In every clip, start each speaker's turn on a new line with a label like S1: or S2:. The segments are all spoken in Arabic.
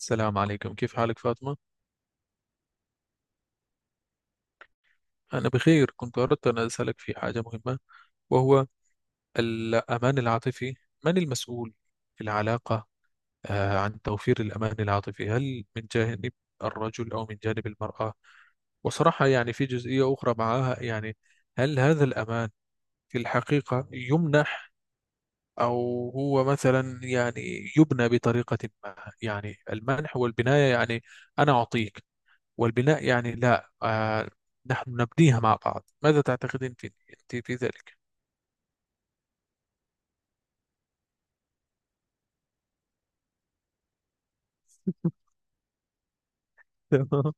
S1: السلام عليكم، كيف حالك فاطمة؟ أنا بخير. كنت أردت أن أسألك في حاجة مهمة، وهو الأمان العاطفي. من المسؤول في العلاقة عن توفير الأمان العاطفي؟ هل من جانب الرجل أو من جانب المرأة؟ وصراحة يعني في جزئية أخرى معها، يعني هل هذا الأمان في الحقيقة يمنح أو هو مثلا يعني يبنى بطريقة ما؟ يعني المنح والبناية، يعني أنا أعطيك، والبناء يعني لا نحن نبنيها مع بعض. ماذا تعتقدين في أنت في ذلك؟ تمام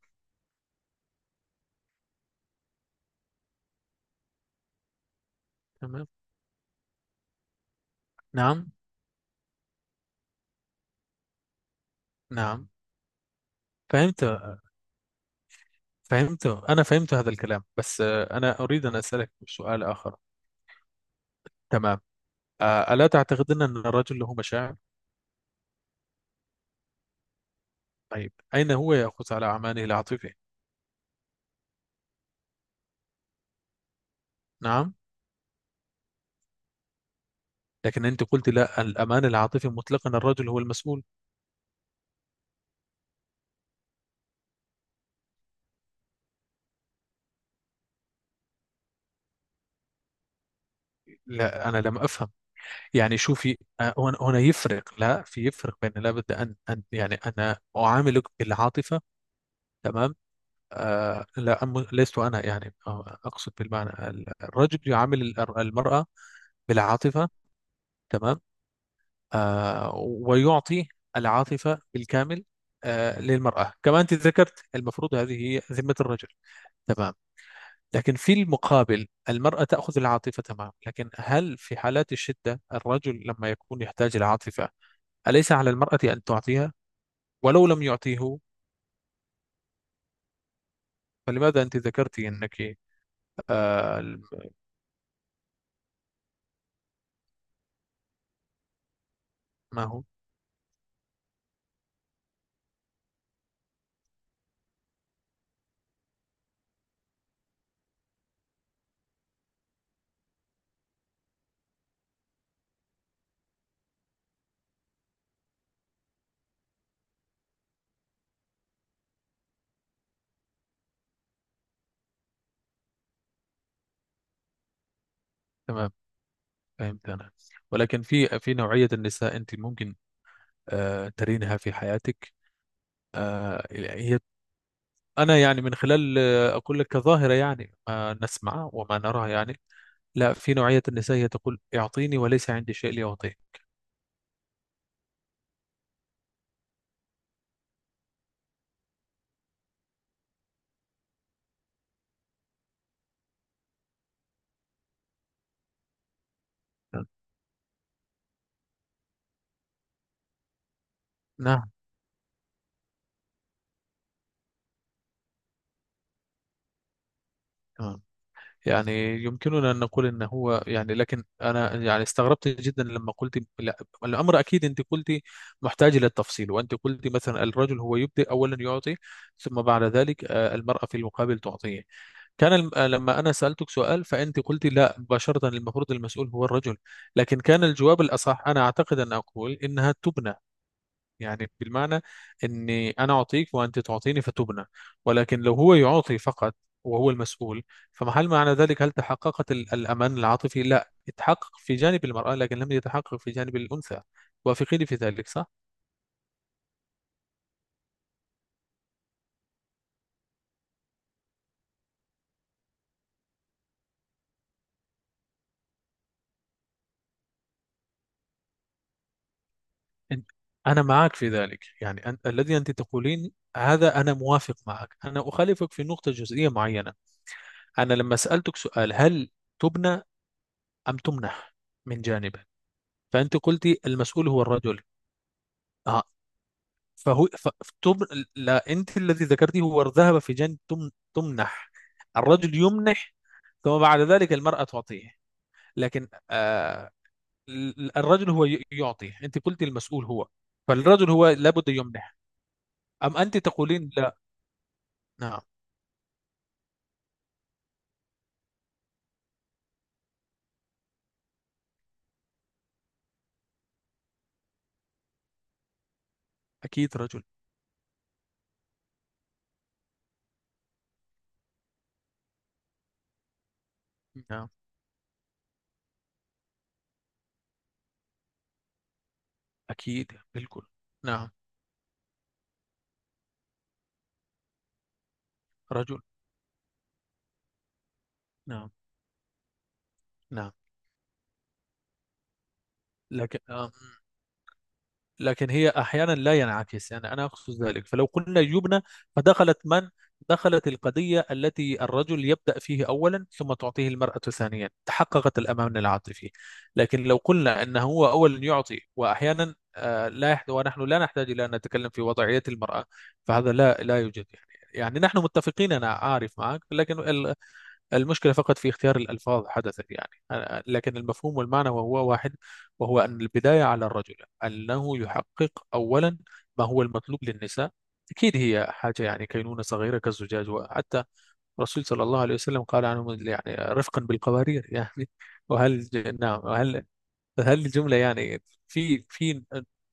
S1: تمام. نعم نعم. فهمت فهمت. أنا فهمت هذا الكلام، بس أنا أريد أن أسألك سؤال آخر. تمام. ألا تعتقدين أن الرجل له مشاعر؟ طيب، أين هو يأخذ على أعماله العاطفية؟ نعم. لكن أنت قلت لا، الأمان العاطفي مطلقا الرجل هو المسؤول. لا أنا لم أفهم. يعني شوفي، هنا يفرق، لا، في يفرق بين، لابد أن يعني أنا أعاملك بالعاطفة. تمام. آه لا أم- لست أنا، يعني أقصد بالمعنى الرجل يعامل المرأة بالعاطفة. تمام. ويعطي العاطفة بالكامل للمرأة. كما أنت ذكرت، المفروض هذه هي ذمة الرجل. تمام. لكن في المقابل، المرأة تأخذ العاطفة. تمام. لكن هل في حالات الشدة، الرجل لما يكون يحتاج العاطفة، أليس على المرأة أن تعطيها ولو لم يعطيه؟ فلماذا أنت ذكرتي أنك آه ما هو. تمام. فهمت أنا. ولكن في نوعية النساء أنت ممكن ترينها في حياتك، يعني هي، أنا يعني من خلال أقول لك كظاهرة، يعني ما نسمع وما نراها يعني. لا، في نوعية النساء هي تقول اعطيني وليس عندي شيء لأعطيه. نعم. تمام. يعني يمكننا أن نقول أنه هو، يعني لكن أنا يعني استغربت جدا لما قلت لا. الأمر أكيد أنت قلت محتاج إلى التفصيل، وأنت قلت مثلا الرجل هو يبدأ أولا يعطي، ثم بعد ذلك المرأة في المقابل تعطيه. كان الم... آه، لما أنا سألتك سؤال، فأنت قلت لا مباشرة، المفروض المسؤول هو الرجل. لكن كان الجواب الأصح، أنا أعتقد، أن أقول إنها تبنى. يعني بالمعنى أني أنا أعطيك وأنت تعطيني فتبنى. ولكن لو هو يعطي فقط وهو المسؤول، فمحل معنى ذلك، هل تحققت الأمان العاطفي؟ لا يتحقق في جانب المرأة، لكن لم يتحقق في جانب الأنثى. وافقيني في ذلك، صح؟ أنت- أنا معك في ذلك، يعني الذي أنت تقولين هذا أنا موافق معك. أنا أخالفك في نقطة جزئية معينة. أنا لما سألتك سؤال، هل تبنى أم تمنح من جانبه، فأنت قلتي المسؤول هو الرجل. آه فهو لا، أنت الذي ذكرتي هو ذهب في جانب تمنح. الرجل يمنح، ثم بعد ذلك المرأة تعطيه. لكن الرجل هو يعطي. أنت قلتي المسؤول هو، فالرجل هو لابد يمنح. أم أنت تقولين لا؟ نعم. أكيد رجل. نعم. أكيد بالكل. نعم. رجل. نعم. نعم. لكن آه. لكن هي أحيانا لا ينعكس، يعني أنا أقصد ذلك. فلو قلنا يبنى، فدخلت من دخلت القضية التي الرجل يبدأ فيه أولا ثم تعطيه المرأة ثانيا، تحققت الأمان العاطفي. لكن لو قلنا أنه هو أولا يعطي وأحيانا لا يحد، ونحن لا نحتاج إلى أن نتكلم في وضعية المرأة، فهذا لا يوجد يعني. يعني نحن متفقين، أنا عارف معك، لكن المشكلة فقط في اختيار الألفاظ حدثت، يعني لكن المفهوم والمعنى وهو واحد، وهو أن البداية على الرجل، أنه يحقق أولا ما هو المطلوب للنساء. أكيد هي حاجة يعني كينونة صغيرة كالزجاج، وحتى الرسول صلى الله عليه وسلم قال عنهم يعني رفقا بالقوارير يعني. وهل؟ نعم، وهل، هل الجملة يعني في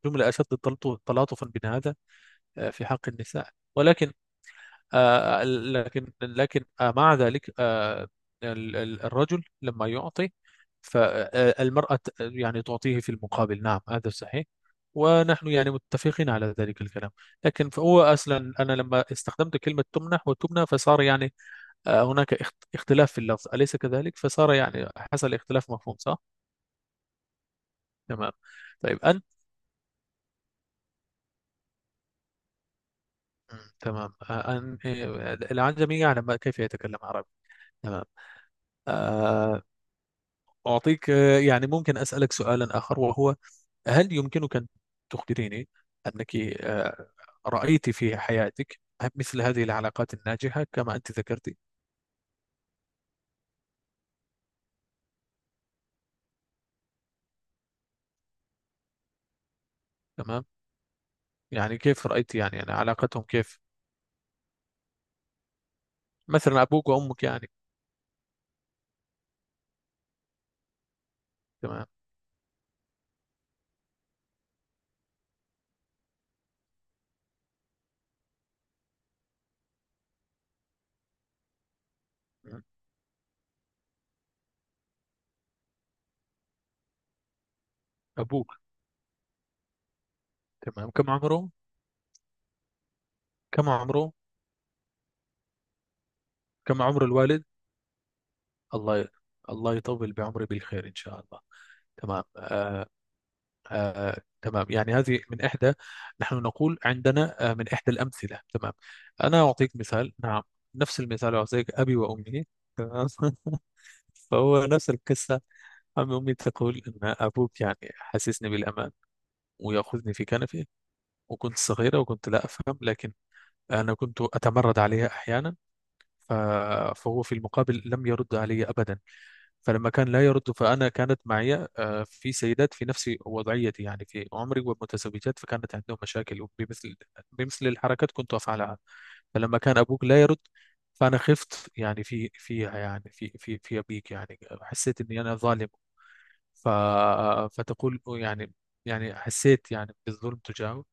S1: جملة أشد تلاطفا من هذا في حق النساء؟ ولكن لكن لكن مع ذلك الرجل لما يعطي، فالمرأة يعني تعطيه في المقابل. نعم هذا صحيح، ونحن يعني متفقين على ذلك الكلام. لكن فهو أصلا أنا لما استخدمت كلمة تمنح وتمنى، فصار يعني هناك اختلاف في اللفظ، أليس كذلك؟ فصار يعني حصل اختلاف مفهوم، صح؟ تمام. طيب أنت. تمام. آه، أن آه، العجمي يعلم كيف يتكلم عربي. تمام. آه، أعطيك، يعني ممكن أسألك سؤالا آخر، وهو هل يمكنك أن تخبريني أنك رأيت في حياتك مثل هذه العلاقات الناجحة كما أنت ذكرتي؟ تمام. يعني كيف رأيت يعني, يعني علاقتهم كيف؟ مثلا أبوك وأمك يعني. تمام. مم. أبوك. تمام، كم عمره؟ كم عمره؟ كم عمر الوالد؟ الله ي- الله يطول بعمري بالخير إن شاء الله. تمام. تمام. يعني هذه من إحدى، نحن نقول عندنا من إحدى الأمثلة. تمام. أنا أعطيك مثال. نعم. نفس المثال أعطيك، أبي وأمي. تمام. فهو نفس القصة. عم أمي تقول إن أبوك يعني حسسني بالأمان ويأخذني في كنفه، وكنت صغيرة وكنت لا أفهم، لكن أنا كنت أتمرد عليها أحيانا. ف- فهو في المقابل لم يرد علي أبدا. فلما كان لا يرد، فأنا كانت معي في سيدات في نفس وضعيتي، يعني في عمري ومتزوجات، فكانت عندهم مشاكل بمثل الحركات كنت أفعلها. فلما كان أبوك لا يرد، فأنا خفت يعني في فيها يعني في أبيك، يعني حسيت إني أنا ظالم. ف... فتقول يعني، يعني حسيت يعني بالظلم تجاهه.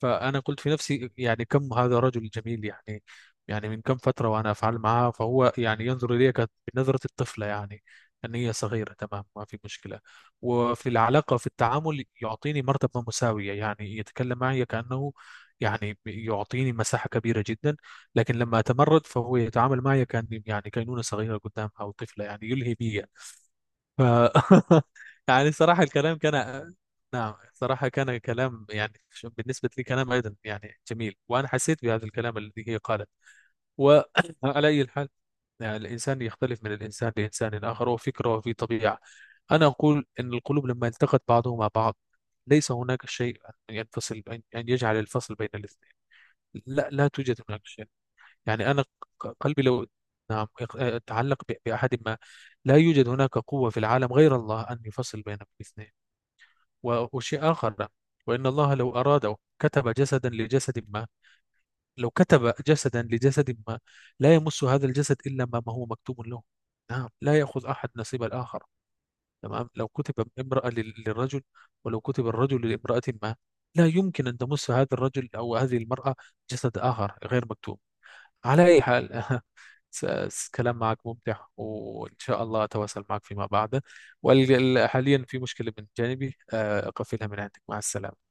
S1: فأنا قلت في نفسي يعني كم هذا رجل جميل، يعني يعني من كم فترة وأنا أفعل معها، فهو يعني ينظر إليك بنظرة الطفلة، يعني أن هي صغيرة، تمام، ما في مشكلة. وفي العلاقة في التعامل يعطيني مرتبة مساوية، يعني يتكلم معي كأنه، يعني يعطيني مساحة كبيرة جدا. لكن لما أتمرد فهو يتعامل معي كأني يعني كينونة صغيرة قدامها أو طفلة، يعني يلهي بي. ف... يعني صراحة الكلام كان. نعم صراحة كان كلام، يعني بالنسبة لي كلام أيضا يعني جميل، وأنا حسيت بهذا الكلام الذي هي قالت. وعلى أي حال، يعني الإنسان يختلف من الإنسان لإنسان آخر، وفكره وفي طبيعة. أنا أقول إن القلوب لما التقت بعضهما بعض، ليس هناك شيء أن ينفصل، أن يجعل الفصل بين الاثنين. لا، توجد هناك شيء. يعني أنا قلبي لو، نعم، تعلق بأحد ما، لا يوجد هناك قوة في العالم غير الله أن يفصل بين الاثنين. وشيء آخر، وإن الله لو أراده كتب جسدا لجسد ما، لو كتب جسدا لجسد ما، لا يمس هذا الجسد إلا ما هو مكتوب له. نعم، لا يأخذ أحد نصيب الآخر. تمام. لو كتب امرأة للرجل، ولو كتب الرجل لامرأة ما، لا يمكن أن تمس هذا الرجل أو هذه المرأة جسد آخر غير مكتوب. على أي حال، كلام معك ممتع، وإن شاء الله أتواصل معك فيما بعد. وحاليا في مشكلة من جانبي، أقفلها من عندك. مع السلامة.